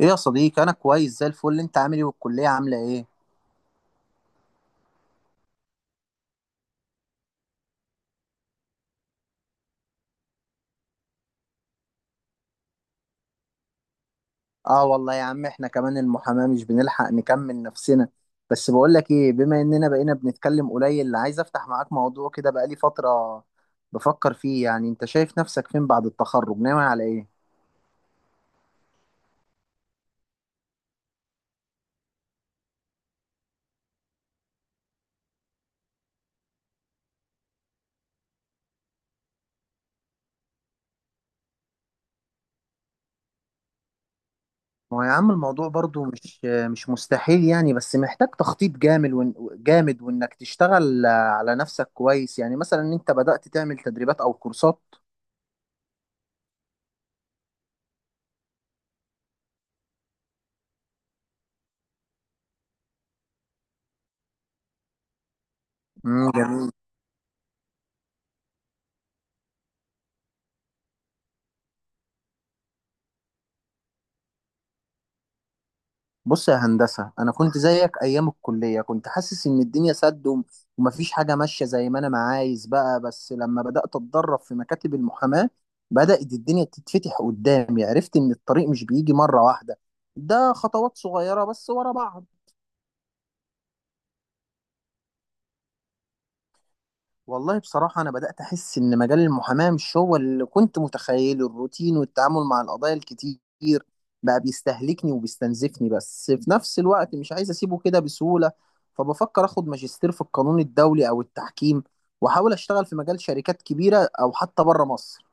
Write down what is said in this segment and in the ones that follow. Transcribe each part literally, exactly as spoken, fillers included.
ايه يا صديقي، انا كويس زي الفل. انت عامل ايه والكليه عامله ايه؟ اه والله يا عم، احنا كمان المحاماه مش بنلحق نكمل نفسنا. بس بقول لك ايه، بما اننا بقينا بنتكلم قليل، عايز افتح معاك موضوع كده بقالي فتره بفكر فيه. يعني انت شايف نفسك فين بعد التخرج؟ ناوي على ايه؟ ما هو يا عم الموضوع برضو مش مش مستحيل يعني، بس محتاج تخطيط جامد وإن- جامد، وانك تشتغل على نفسك كويس. يعني مثلا انت بدأت تعمل تدريبات او كورسات؟ امم جميل. بص يا هندسة، أنا كنت زيك أيام الكلية، كنت حاسس إن الدنيا سد، وم- ومفيش حاجة ماشية زي ما أنا ما عايز بقى. بس لما بدأت أتدرب في مكاتب المحاماة، بدأت الدنيا تتفتح قدامي. عرفت إن الطريق مش بيجي مرة واحدة، ده خطوات صغيرة بس ورا بعض. والله بصراحة أنا بدأت أحس إن مجال المحاماة مش هو اللي كنت متخيله. الروتين والتعامل مع القضايا الكتير بقى بيستهلكني وبيستنزفني، بس في نفس الوقت مش عايز أسيبه كده بسهولة. فبفكر أخد ماجستير في القانون الدولي أو التحكيم، وأحاول أشتغل في مجال شركات كبيرة أو حتى بره مصر.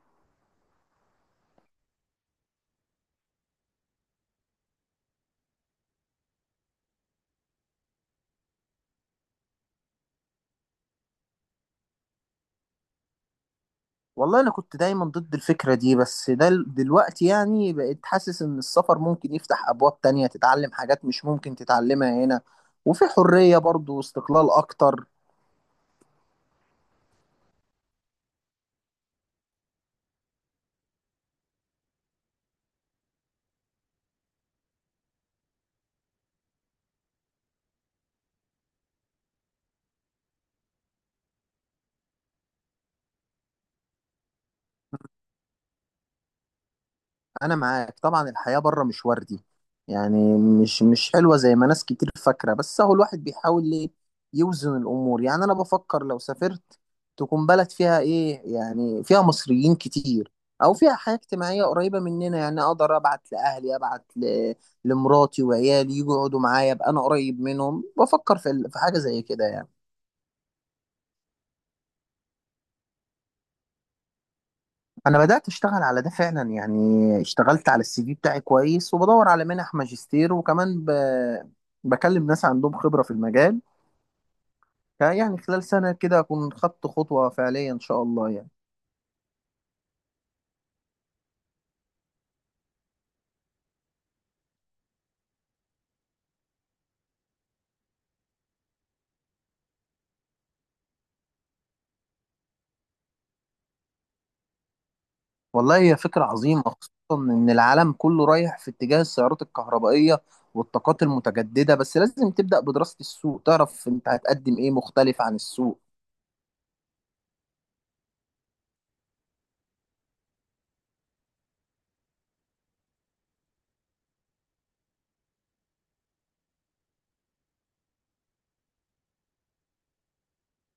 والله أنا كنت دايما ضد الفكرة دي، بس ده دلوقتي يعني بقيت حاسس إن السفر ممكن يفتح أبواب تانية، تتعلم حاجات مش ممكن تتعلمها هنا. وفي حرية برضه واستقلال أكتر. انا معاك طبعا، الحياة بره مش وردي. يعني مش مش حلوة زي ما ناس كتير فاكرة، بس هو الواحد بيحاول ليه يوزن الامور. يعني انا بفكر لو سافرت، تكون بلد فيها ايه، يعني فيها مصريين كتير او فيها حياة اجتماعية قريبة مننا، يعني اقدر ابعت لاهلي، ابعت ل... لمراتي وعيالي يجوا يقعدوا معايا، ابقى انا قريب منهم. بفكر في ال- في حاجة زي كده يعني. انا بدات اشتغل على ده فعلا يعني. اشتغلت على السي في بتاعي كويس، وبدور على منح ماجستير، وكمان ب... بكلم ناس عندهم خبره في المجال. يعني خلال سنه كده اكون خدت خطوه فعليه ان شاء الله يعني. والله هي فكره عظيمه، خصوصا ان العالم كله رايح في اتجاه السيارات الكهربائيه والطاقات المتجدده. بس لازم تبدا بدراسه السوق، تعرف انت هتقدم ايه مختلف عن السوق.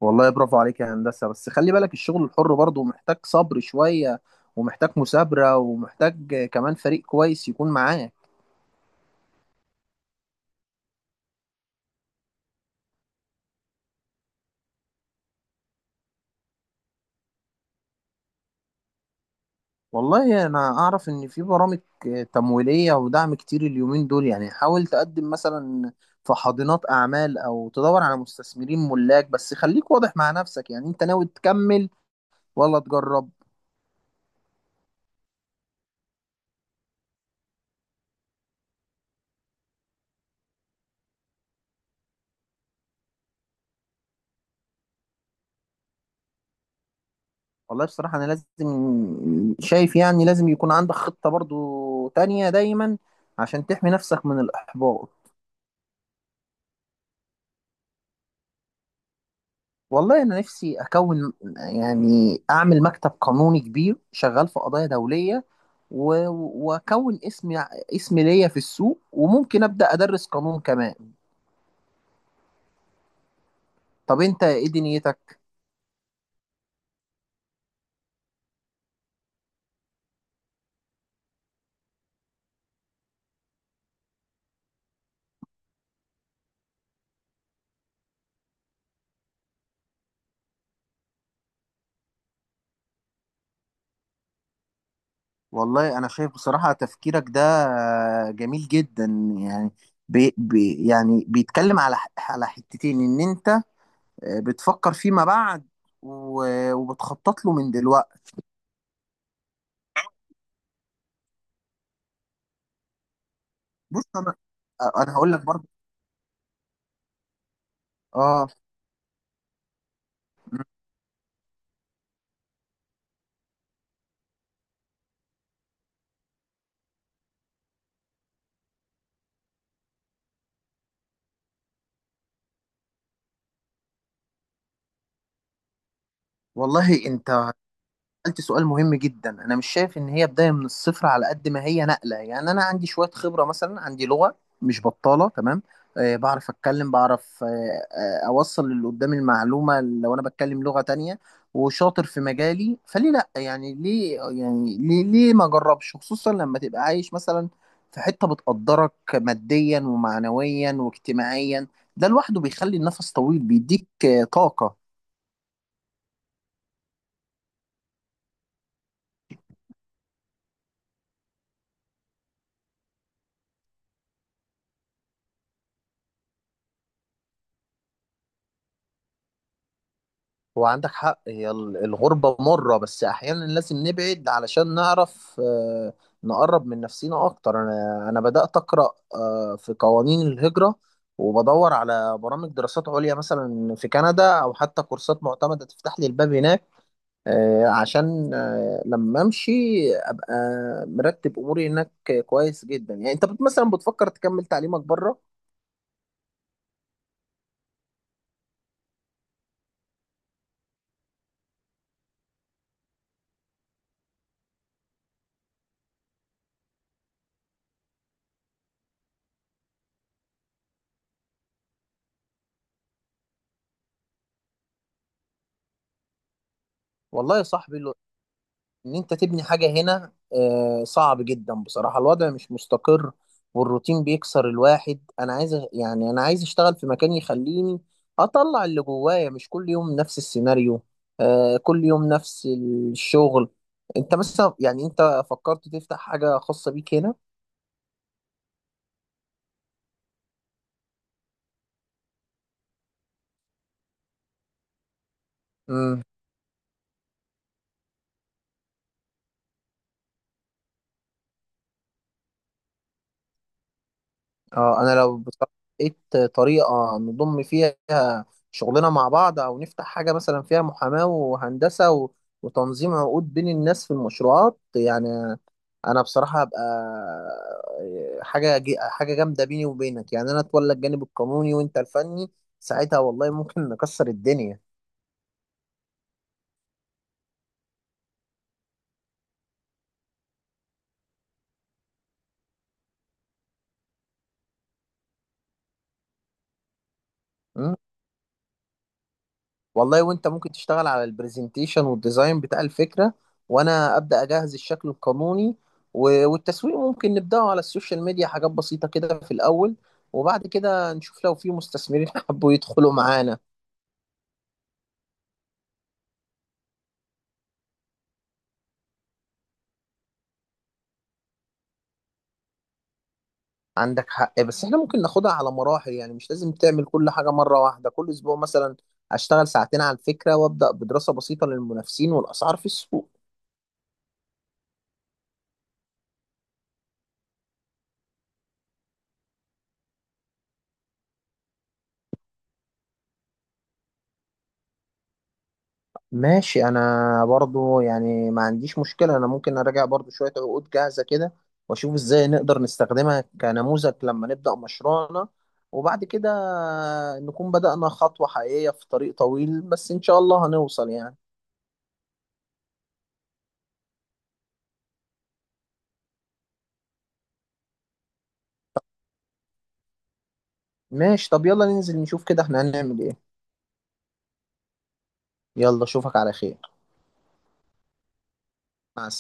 والله برافو عليك يا هندسة، بس خلي بالك الشغل الحر برضه محتاج صبر شوية، ومحتاج مثابرة، ومحتاج كمان فريق كويس يكون معاه. والله أنا أعرف إن في برامج تمويلية ودعم كتير اليومين دول. يعني حاول تقدم مثلا في حاضنات أعمال، أو تدور على مستثمرين ملاك. بس خليك واضح مع نفسك، يعني أنت ناوي تكمل ولا تجرب؟ والله بصراحة أنا لازم شايف، يعني لازم يكون عندك خطة برضه تانية دايما، عشان تحمي نفسك من الإحباط. والله انا نفسي اكون، يعني اعمل مكتب قانوني كبير شغال في قضايا دوليه، و- واكون اسم اسم ليا في السوق، وممكن ابدا ادرس قانون كمان. طب انت ايه دنيتك؟ والله انا شايف بصراحه تفكيرك ده جميل جدا. يعني بي بي يعني بيتكلم على ح- على حتتين، ان انت بتفكر فيما بعد، و- وبتخطط له من دلوقتي. بص انا انا هقول لك برضه. اه والله انت سألت سؤال مهم جدا. أنا مش شايف إن هي بداية من الصفر على قد ما هي نقلة. يعني أنا عندي شوية خبرة، مثلا عندي لغة مش بطالة، تمام؟ آه، بعرف أتكلم، بعرف آه آه أوصل للي قدامي المعلومة. لو أنا بتكلم لغة تانية وشاطر في مجالي فليه لأ؟ يعني ليه يعني ليه ليه ما أجربش، خصوصا لما تبقى عايش مثلا في حتة بتقدرك ماديا ومعنويا واجتماعيا. ده لوحده بيخلي النفس طويل، بيديك آه، طاقة. هو عندك حق، هي ال- الغربة مرة، بس أحيانا لازم نبعد علشان نعرف، آه، نقرب من نفسينا أكتر. أنا أنا بدأت أقرأ آه، في قوانين الهجرة، وبدور على برامج دراسات عليا مثلا في كندا، أو حتى كورسات معتمدة تفتح لي الباب هناك، آه، عشان آه، لما أمشي أبقى مرتب أموري هناك. كويس جدا. يعني أنت بت- مثلا بتفكر تكمل تعليمك بره؟ والله يا صاحبي ان انت تبني حاجة هنا آه، صعب جدا بصراحة. الوضع مش مستقر، والروتين بيكسر الواحد. انا عايز أ- يعني انا عايز اشتغل في مكان يخليني اطلع اللي جوايا، مش كل يوم نفس السيناريو، آه، كل يوم نفس الشغل. انت مثلا يعني انت فكرت تفتح حاجة خاصة بيك هنا؟ اه، انا لو بصراحة لقيت طريقة نضم فيها شغلنا مع بعض، او نفتح حاجة مثلا فيها محاماة وهندسة و- وتنظيم عقود بين الناس في المشروعات يعني. انا بصراحة هبقى آه، حاجة جي- حاجة جامدة. بيني وبينك يعني انا اتولى الجانب القانوني وانت الفني، ساعتها والله ممكن نكسر الدنيا. والله وانت ممكن تشتغل على البرزنتيشن والديزاين بتاع الفكرة، وانا ابدا اجهز الشكل القانوني، و- والتسويق ممكن نبداه على السوشيال ميديا، حاجات بسيطة كده في الاول. وبعد كده نشوف لو في مستثمرين حبوا يدخلوا معانا. عندك حق، بس احنا ممكن ناخدها على مراحل، يعني مش لازم تعمل كل حاجة مرة واحدة. كل اسبوع مثلا اشتغل ساعتين على الفكرة، وابدا بدراسة بسيطة للمنافسين والاسعار في السوق. ماشي، انا برضو يعني ما عنديش مشكلة، انا ممكن اراجع برضو شوية عقود جاهزة كده، واشوف ازاي نقدر نستخدمها كنموذج لما نبدأ مشروعنا. وبعد كده نكون بدأنا خطوة حقيقية في طريق طويل، بس ان شاء الله هنوصل يعني. ماشي، طب يلا ننزل نشوف كده احنا هنعمل ايه. يلا اشوفك على خير. مع